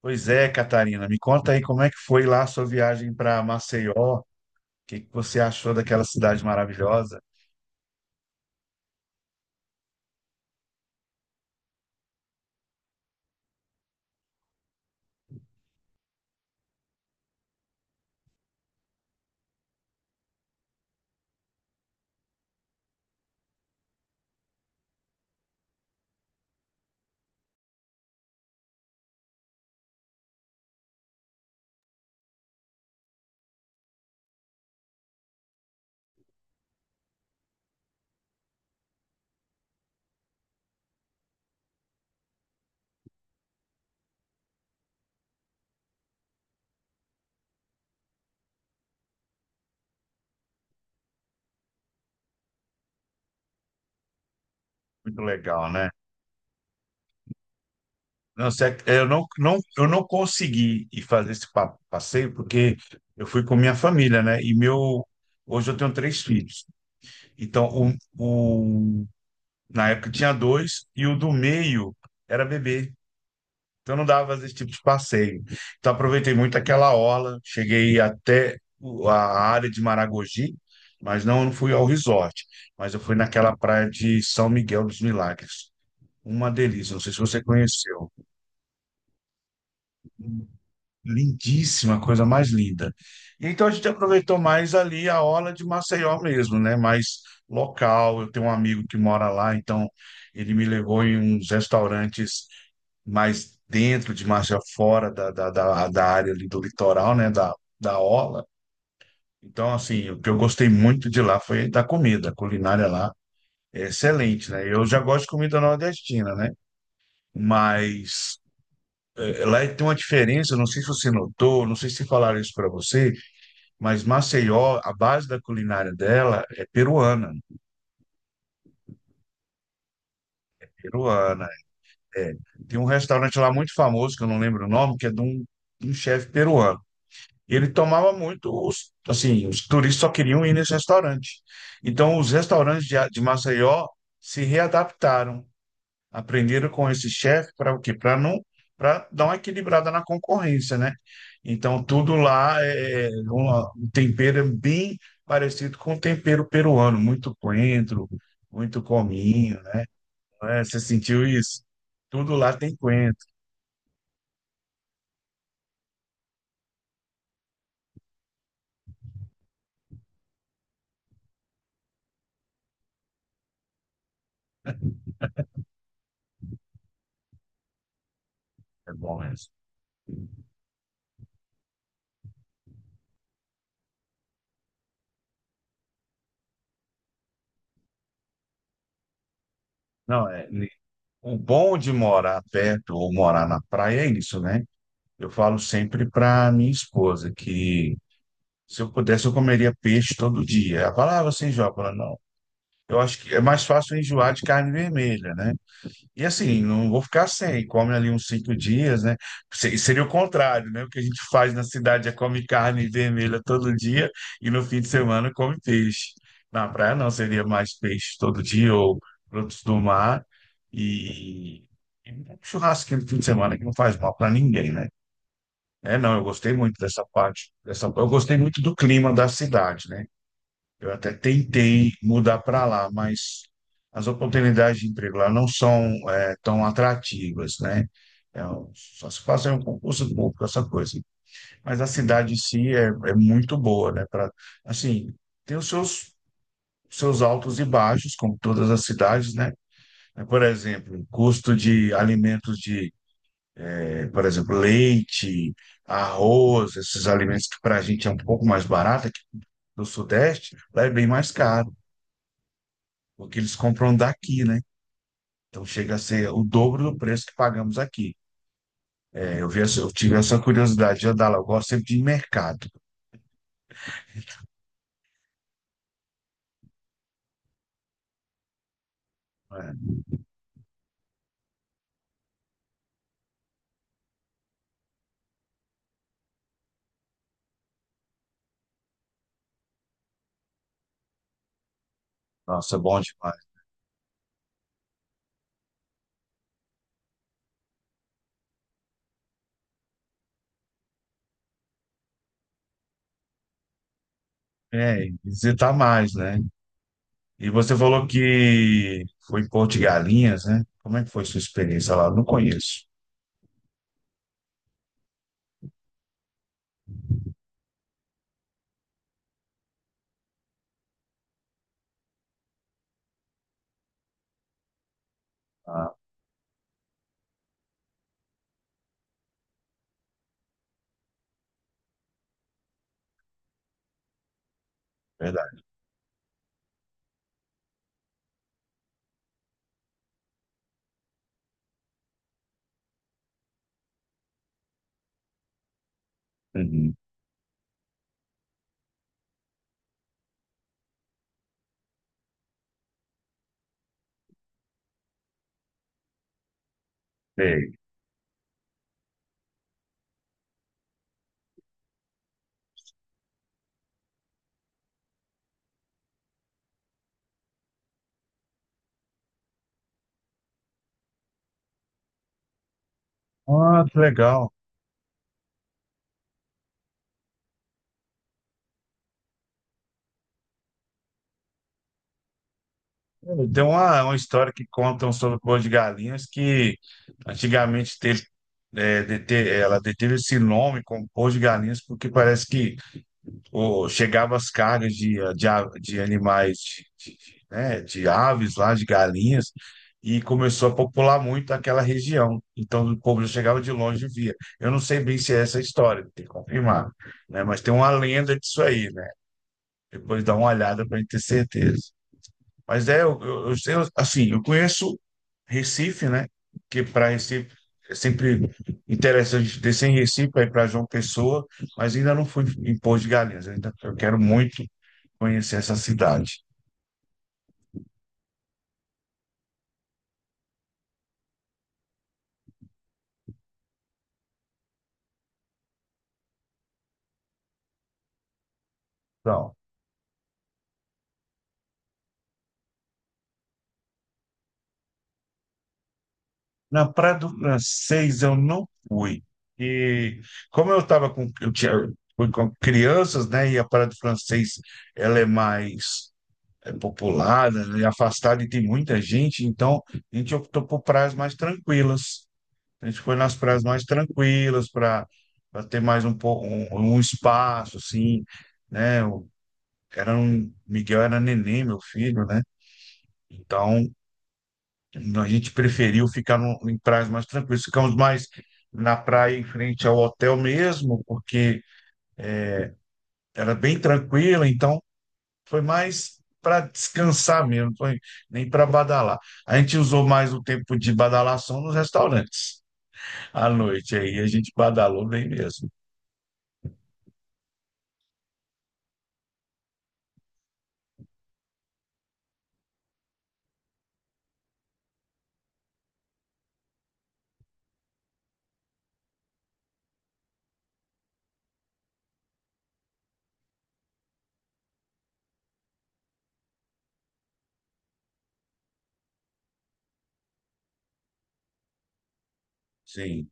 Pois é, Catarina, me conta aí como é que foi lá a sua viagem para Maceió? O que que você achou daquela cidade maravilhosa? Muito legal, né? Não, eu eu não consegui ir fazer esse passeio porque eu fui com minha família, né? Hoje eu tenho três filhos. Então, o, na época tinha dois e o do meio era bebê. Então não dava esse tipo de passeio. Então aproveitei muito aquela orla, cheguei até a área de Maragogi, mas não fui ao resort, mas eu fui naquela praia de São Miguel dos Milagres. Uma delícia, não sei se você conheceu. Lindíssima, coisa mais linda. Então a gente aproveitou mais ali a orla de Maceió mesmo, né? Mais local. Eu tenho um amigo que mora lá, então ele me levou em uns restaurantes mais dentro de margem fora da área ali do litoral, né? Da orla. Então, assim, o que eu gostei muito de lá foi da comida. A culinária lá é excelente, né? Eu já gosto de comida nordestina, né? Mas lá tem uma diferença, não sei se você notou, não sei se falaram isso para você, mas Maceió, a base da culinária dela é peruana. Peruana, é. Tem um restaurante lá muito famoso, que eu não lembro o nome, que é de um chefe peruano. Ele tomava muito, os, assim, os turistas só queriam ir nesse restaurante. Então, os restaurantes de Maceió se readaptaram, aprenderam com esse chefe para o quê? Para não, para dar uma equilibrada na concorrência, né? Então, tudo lá é um tempero é bem parecido com o tempero peruano, muito coentro, muito cominho, né? É, você sentiu isso? Tudo lá tem coentro. É bom isso. Não, o bom de morar perto ou morar na praia é isso, né? Eu falo sempre para minha esposa que se eu pudesse eu comeria peixe todo dia. Ela fala, ah, você enjoa? Eu falo, não. Eu acho que é mais fácil eu enjoar de carne vermelha, né? E assim, não vou ficar sem, come ali uns 5 dias, né? Seria o contrário, né? O que a gente faz na cidade é come carne vermelha todo dia e no fim de semana come peixe. Na praia não, seria mais peixe todo dia ou frutos do mar e, e um churrasquinho no fim de semana que não faz mal para ninguém, né? É, não, eu gostei muito dessa parte, eu gostei muito do clima da cidade, né? Eu até tentei mudar para lá, mas as oportunidades de emprego lá não são tão atrativas, né? É, só se faz um concurso público, essa coisa. Mas a cidade em si é muito boa, né? Pra, assim, tem os seus altos e baixos, como todas as cidades, né? É, por exemplo, o custo de alimentos de, por exemplo, leite, arroz, esses alimentos que para a gente é um pouco mais barato, aqui do Sudeste, lá é bem mais caro. Porque eles compram daqui, né? Então chega a ser o dobro do preço que pagamos aqui. É, eu tive essa curiosidade de andar lá. Eu gosto sempre de ir em mercado, né? Nossa, é bom demais. É, e visitar mais, né? E você falou que foi em Porto de Galinhas, né? Como é que foi sua experiência lá? Eu não conheço. Ah, verdade. Uhum. Sei. Ah, que legal. Tem uma história que contam sobre Porto de Galinhas que antigamente ela deteve esse nome como Porto de Galinhas porque parece que ou chegava as cargas de animais, né, de aves lá, de galinhas, e começou a popular muito aquela região. Então o povo já chegava de longe e via. Eu não sei bem se é essa a história, tem que confirmar, né? Mas tem uma lenda disso aí, né? Depois dá uma olhada para gente ter certeza. Mas é, eu sei, assim, eu conheço Recife, né? Que para Recife é sempre interessante descer em Recife aí para João Pessoa, mas ainda não fui em Poço de Galinhas. Eu, ainda, eu quero muito conhecer essa cidade. Então, na Praia do Francês eu não fui. E como eu estava com, eu tinha, fui com crianças, né? E a Praia do Francês ela é mais popular, né, afastada e tem muita gente, então a gente optou por praias mais tranquilas. A gente foi nas praias mais tranquilas para ter mais um, pouco um, um espaço, assim, né? Era Miguel era neném, meu filho, né? Então, a gente preferiu ficar em praias mais tranquilas. Ficamos mais na praia em frente ao hotel mesmo, porque era bem tranquila, então foi mais para descansar mesmo, não foi nem para badalar. A gente usou mais o tempo de badalação nos restaurantes à noite, aí a gente badalou bem mesmo. Sim.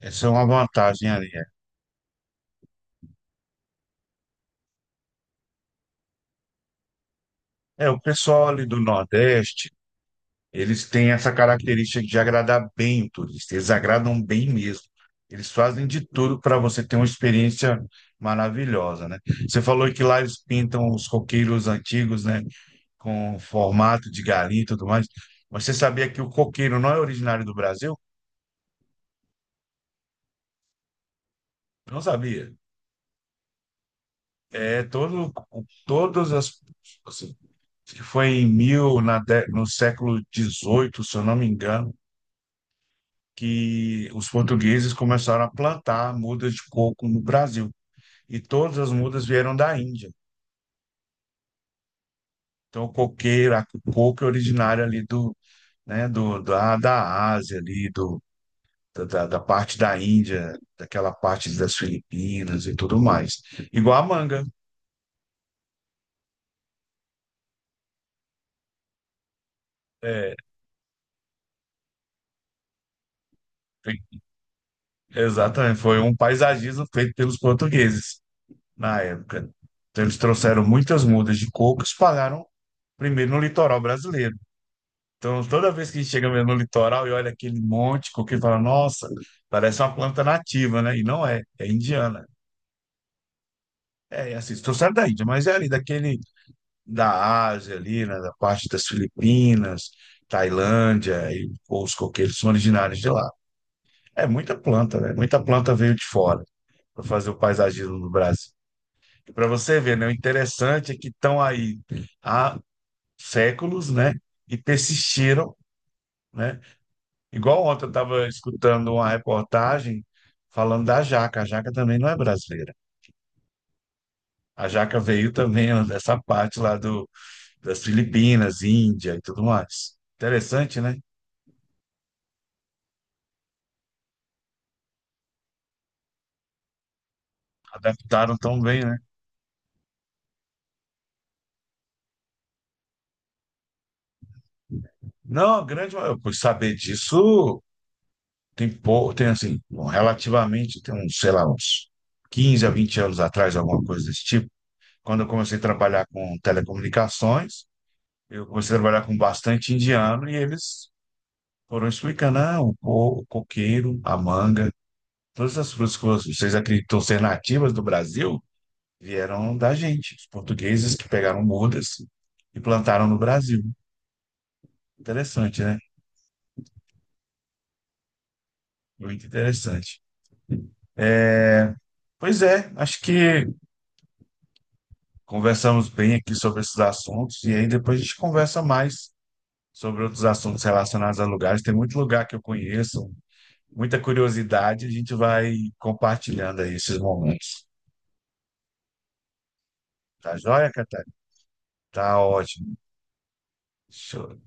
Essa é uma vantagem ali. O pessoal ali do Nordeste, eles têm essa característica de agradar bem o turista, eles agradam bem mesmo. Eles fazem de tudo para você ter uma experiência maravilhosa, né? Você falou que lá eles pintam os coqueiros antigos, né, com formato de galinha e tudo mais. Mas você sabia que o coqueiro não é originário do Brasil? Não sabia. É todo, todas as assim, acho que foi no século dezoito se eu não me engano que os portugueses começaram a plantar mudas de coco no Brasil. E todas as mudas vieram da Índia. Então, o coqueiro, o coco é originário ali do, né, do, da, da Ásia, ali, do, da, da da parte da Índia, daquela parte das Filipinas e tudo mais. Igual a manga. É, tem- exatamente. Foi um paisagismo feito pelos portugueses na época. Então, eles trouxeram muitas mudas de coco e espalharam primeiro no litoral brasileiro. Então, toda vez que chega mesmo no litoral e olha aquele monte, coqueiro, fala, nossa, parece uma planta nativa, né? E não é, é indiana. É, é assim, se trouxeram da Índia, mas é ali daquele, da Ásia ali, né? Da parte das Filipinas, Tailândia, e os coqueiros são originários de lá. É muita planta, né? Muita planta veio de fora para fazer o paisagismo do Brasil. E para você ver, né? O interessante é que estão aí há séculos, né? E persistiram, né? Igual ontem eu estava escutando uma reportagem falando da Jaca. A Jaca também não é brasileira. A Jaca veio também ó, dessa parte lá do, das Filipinas, Índia e tudo mais. Interessante, né? Adaptaram tão bem, né? Não, a grande maioria. Por saber disso, tem pouco, tem assim, bom, relativamente, tem uns, sei lá, uns 15 a 20 anos atrás, alguma coisa desse tipo. Quando eu comecei a trabalhar com telecomunicações, eu comecei a trabalhar com bastante indiano e eles foram explicando, ah, o coqueiro, a manga, todas as frutas que vocês acreditam ser nativas do Brasil vieram da gente, os portugueses que pegaram mudas e plantaram no Brasil. Interessante, né? Muito interessante. Pois é, acho que conversamos bem aqui sobre esses assuntos e aí depois a gente conversa mais sobre outros assuntos relacionados a lugares. Tem muito lugar que eu conheço, muita curiosidade, a gente vai compartilhando aí esses momentos. Tá joia, Catarina? Tá ótimo. Show.